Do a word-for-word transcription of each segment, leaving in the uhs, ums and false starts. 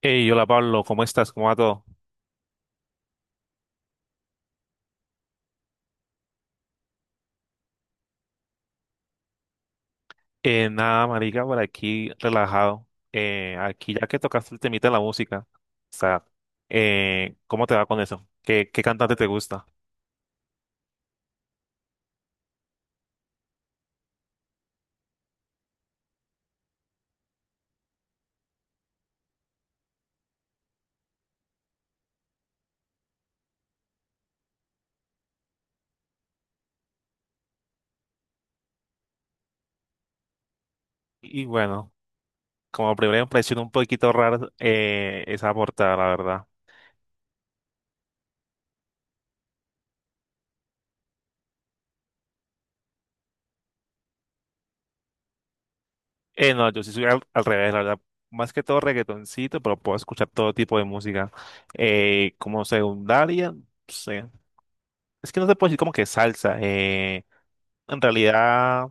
Hey, hola Pablo, ¿cómo estás? ¿Cómo va todo? Eh, nada, marica, por aquí relajado. Eh, aquí ya que tocaste el temita de la música, o sea, eh, ¿cómo te va con eso? ¿Qué, qué cantante te gusta? Y bueno, como primera impresión un poquito rara eh, esa portada, la verdad. Eh, no, yo sí soy al, al revés, la verdad. Más que todo reggaetoncito, pero puedo escuchar todo tipo de música. Eh, como secundaria, no sé. Es que no te puedo decir como que salsa. eh, En realidad,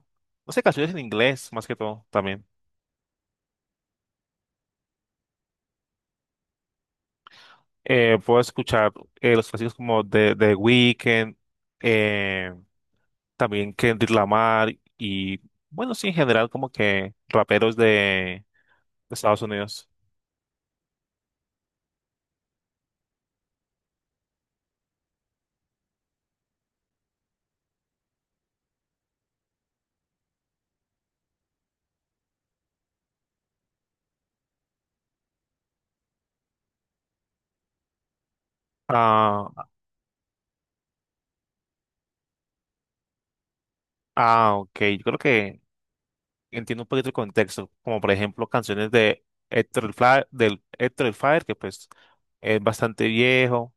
no sé, canciones en inglés más que todo también. Eh, puedo escuchar eh, los clásicos como de The Weeknd, eh, también Kendrick Lamar y, bueno, sí, en general como que raperos de, de Estados Unidos. Ah, ah, ok, yo creo que entiendo un poquito el contexto, como por ejemplo canciones de Héctor el Fly- del Héctor el Fire, que pues es bastante viejo,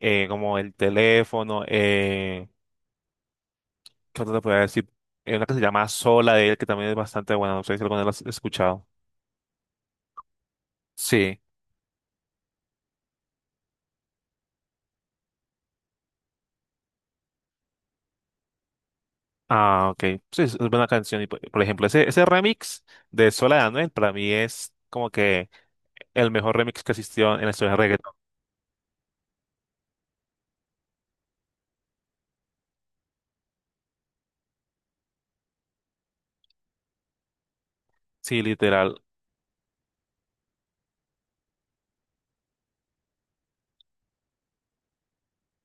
eh, como El Teléfono. eh, ¿Qué otra te podría decir? Hay una que se llama Sola de él, que también es bastante buena. No sé si alguna vez la has escuchado. Sí. Ah, ok. Sí, es es buena canción. Y por por ejemplo, ese, ese remix de Sola de Anuel para mí es como que el mejor remix que existió en la historia del reggaetón. Sí, literal.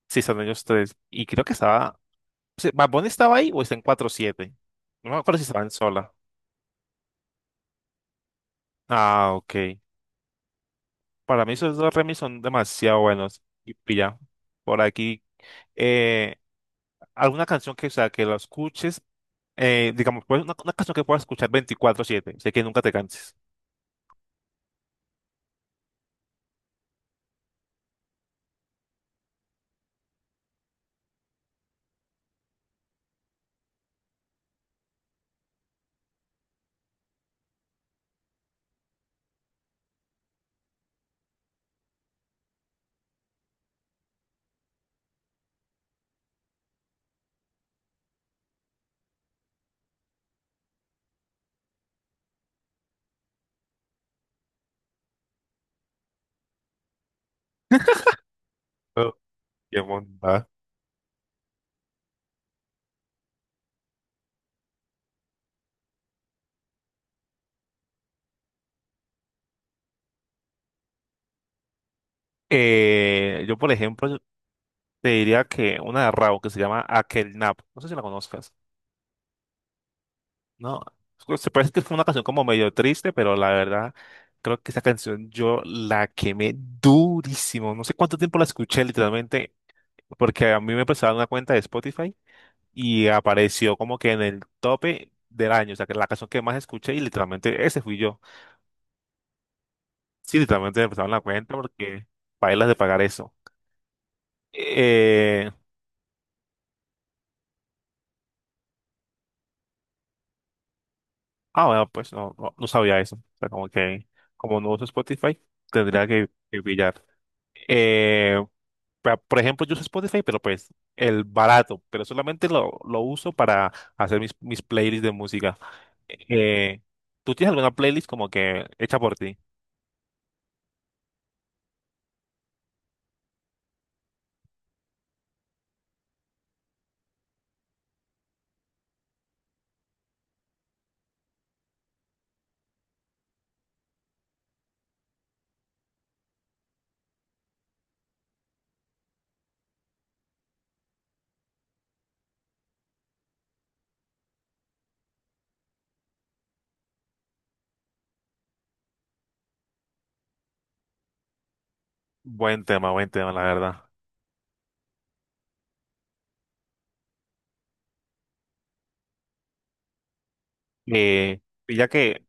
Sí, están ellos tres. Y creo que estaba. Sí, ¿Bad Bunny estaba ahí o está en cuatro siete? No me acuerdo si estaba en Sola. Ah, ok. Para mí esos dos remix son demasiado buenos. Y y ya. Por aquí, eh, alguna canción que, o sea, que la escuches, eh, digamos, pues una, una canción que puedas escuchar veinticuatro siete, sé que nunca te canses. Oh, qué bomba. Eh, yo, por ejemplo, yo te diría que una de Rao que se llama Aquel Nap, no sé si la conozcas, ¿no? Es- Se parece que fue una canción como medio triste, pero la verdad, creo que esa canción yo la quemé durísimo. No sé cuánto tiempo la escuché literalmente, porque a mí me prestaron una cuenta de Spotify y apareció como que en el tope del año, o sea, que la canción que más escuché, y literalmente ese fui yo. Sí, también te prestaron la cuenta porque bailas de pagar eso. Eh, ah, bueno, pues no, no, no sabía eso. O sea, como que, como no uso Spotify, tendría que, que pillar. Eh, pa- por ejemplo, yo uso Spotify, pero pues el barato, pero solamente lo, lo uso para hacer mis, mis playlists de música. Eh, ¿Tú tienes alguna playlist como que hecha por ti? Buen tema, buen tema, la verdad. Eh, y ya que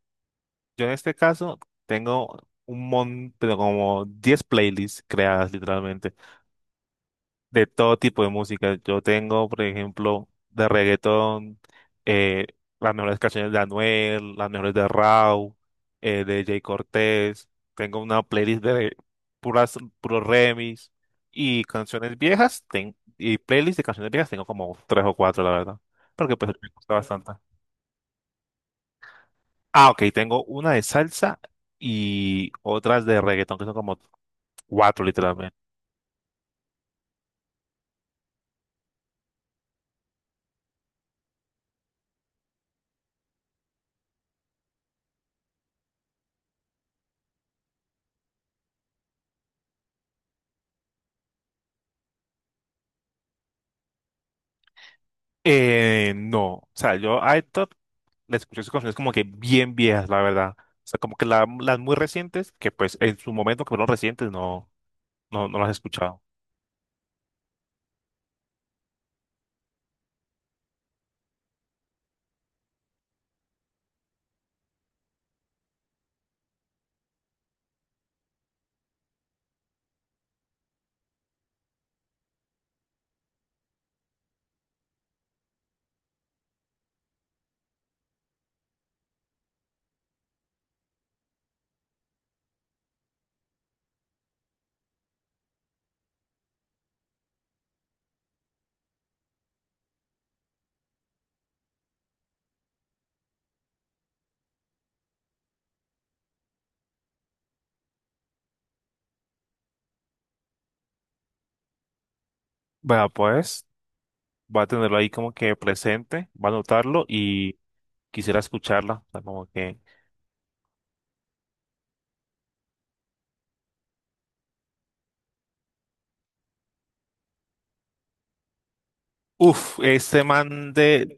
yo en este caso tengo un montón, pero como diez playlists creadas literalmente, de todo tipo de música. Yo tengo, por ejemplo, de reggaetón, eh, las mejores canciones de Anuel, las mejores de Rauw, eh, de Jay Cortés. Tengo una playlist de puras, puros remix y canciones viejas. Ten- y playlist de canciones viejas tengo como tres o cuatro, la verdad. Porque pues me gusta bastante. Ah, ok, tengo una de salsa y otras de reggaetón, que son como cuatro literalmente. Eh, no, o sea, yo a Top le escuché sus canciones como que bien viejas, la verdad. O sea, como que la- las muy recientes, que pues en su momento que fueron recientes, no, no, no las he escuchado. Bueno, pues va a tenerlo ahí como que presente, va a notarlo y quisiera escucharla. O sea, como que, uff, este man de,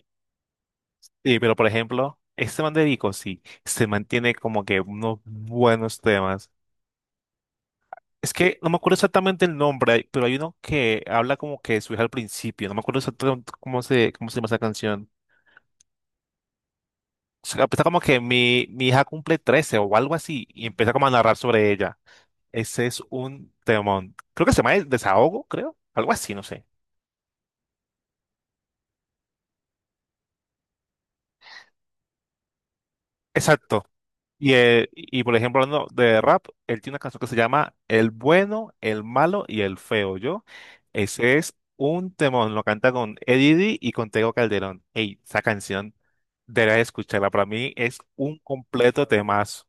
eh, pero por ejemplo, este man de Vico, sí, se mantiene como que unos buenos temas. Es que no me acuerdo exactamente el nombre, hay- pero hay uno que habla como que su hija al principio. No me acuerdo exactamente cómo se, cómo se llama esa canción. O sea, empieza como que mi, mi hija cumple trece o algo así y empieza como a narrar sobre ella. Ese es un temón. Creo que se llama El Desahogo, creo. Algo así, no sé. Exacto. Y, eh, y por ejemplo, hablando de rap, él tiene una canción que se llama El Bueno, El Malo y El Feo, ¿yo? Ese es un temón. Lo canta con Eddie D y con Tego Calderón. Ey, esa canción. Deberías escucharla. Para mí es un completo temazo.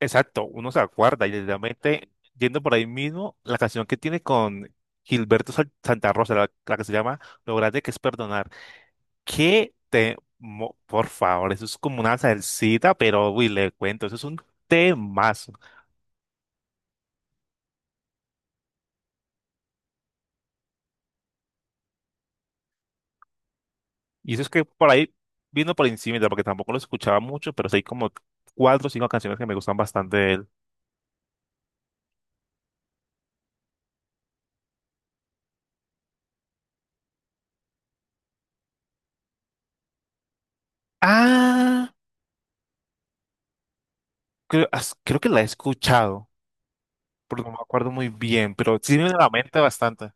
Exacto, uno se acuerda y literalmente yendo por ahí mismo, la canción que tiene con Gilberto Sal- Santa Rosa, la, la que se llama Lo grande que es perdonar. ¿Qué te... Por favor, eso es como una salsita, pero uy, le cuento, eso es un temazo. Y eso es que por ahí vino por encima, porque tampoco lo escuchaba mucho, pero sí hay como cuatro o cinco canciones que me gustan bastante de él. Ah, creo, as- creo que la he escuchado, pero no me acuerdo muy bien, pero sí me viene a la mente bastante.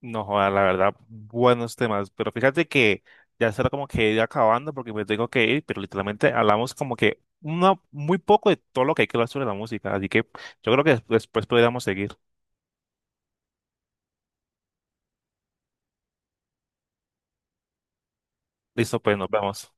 No, joda, la verdad, buenos temas. Pero fíjate que ya será como que ir acabando porque me tengo que ir, pero literalmente hablamos como que una, muy poco de todo lo que hay que hablar sobre la música. Así que yo creo que después podríamos seguir. Listo, pues nos vemos.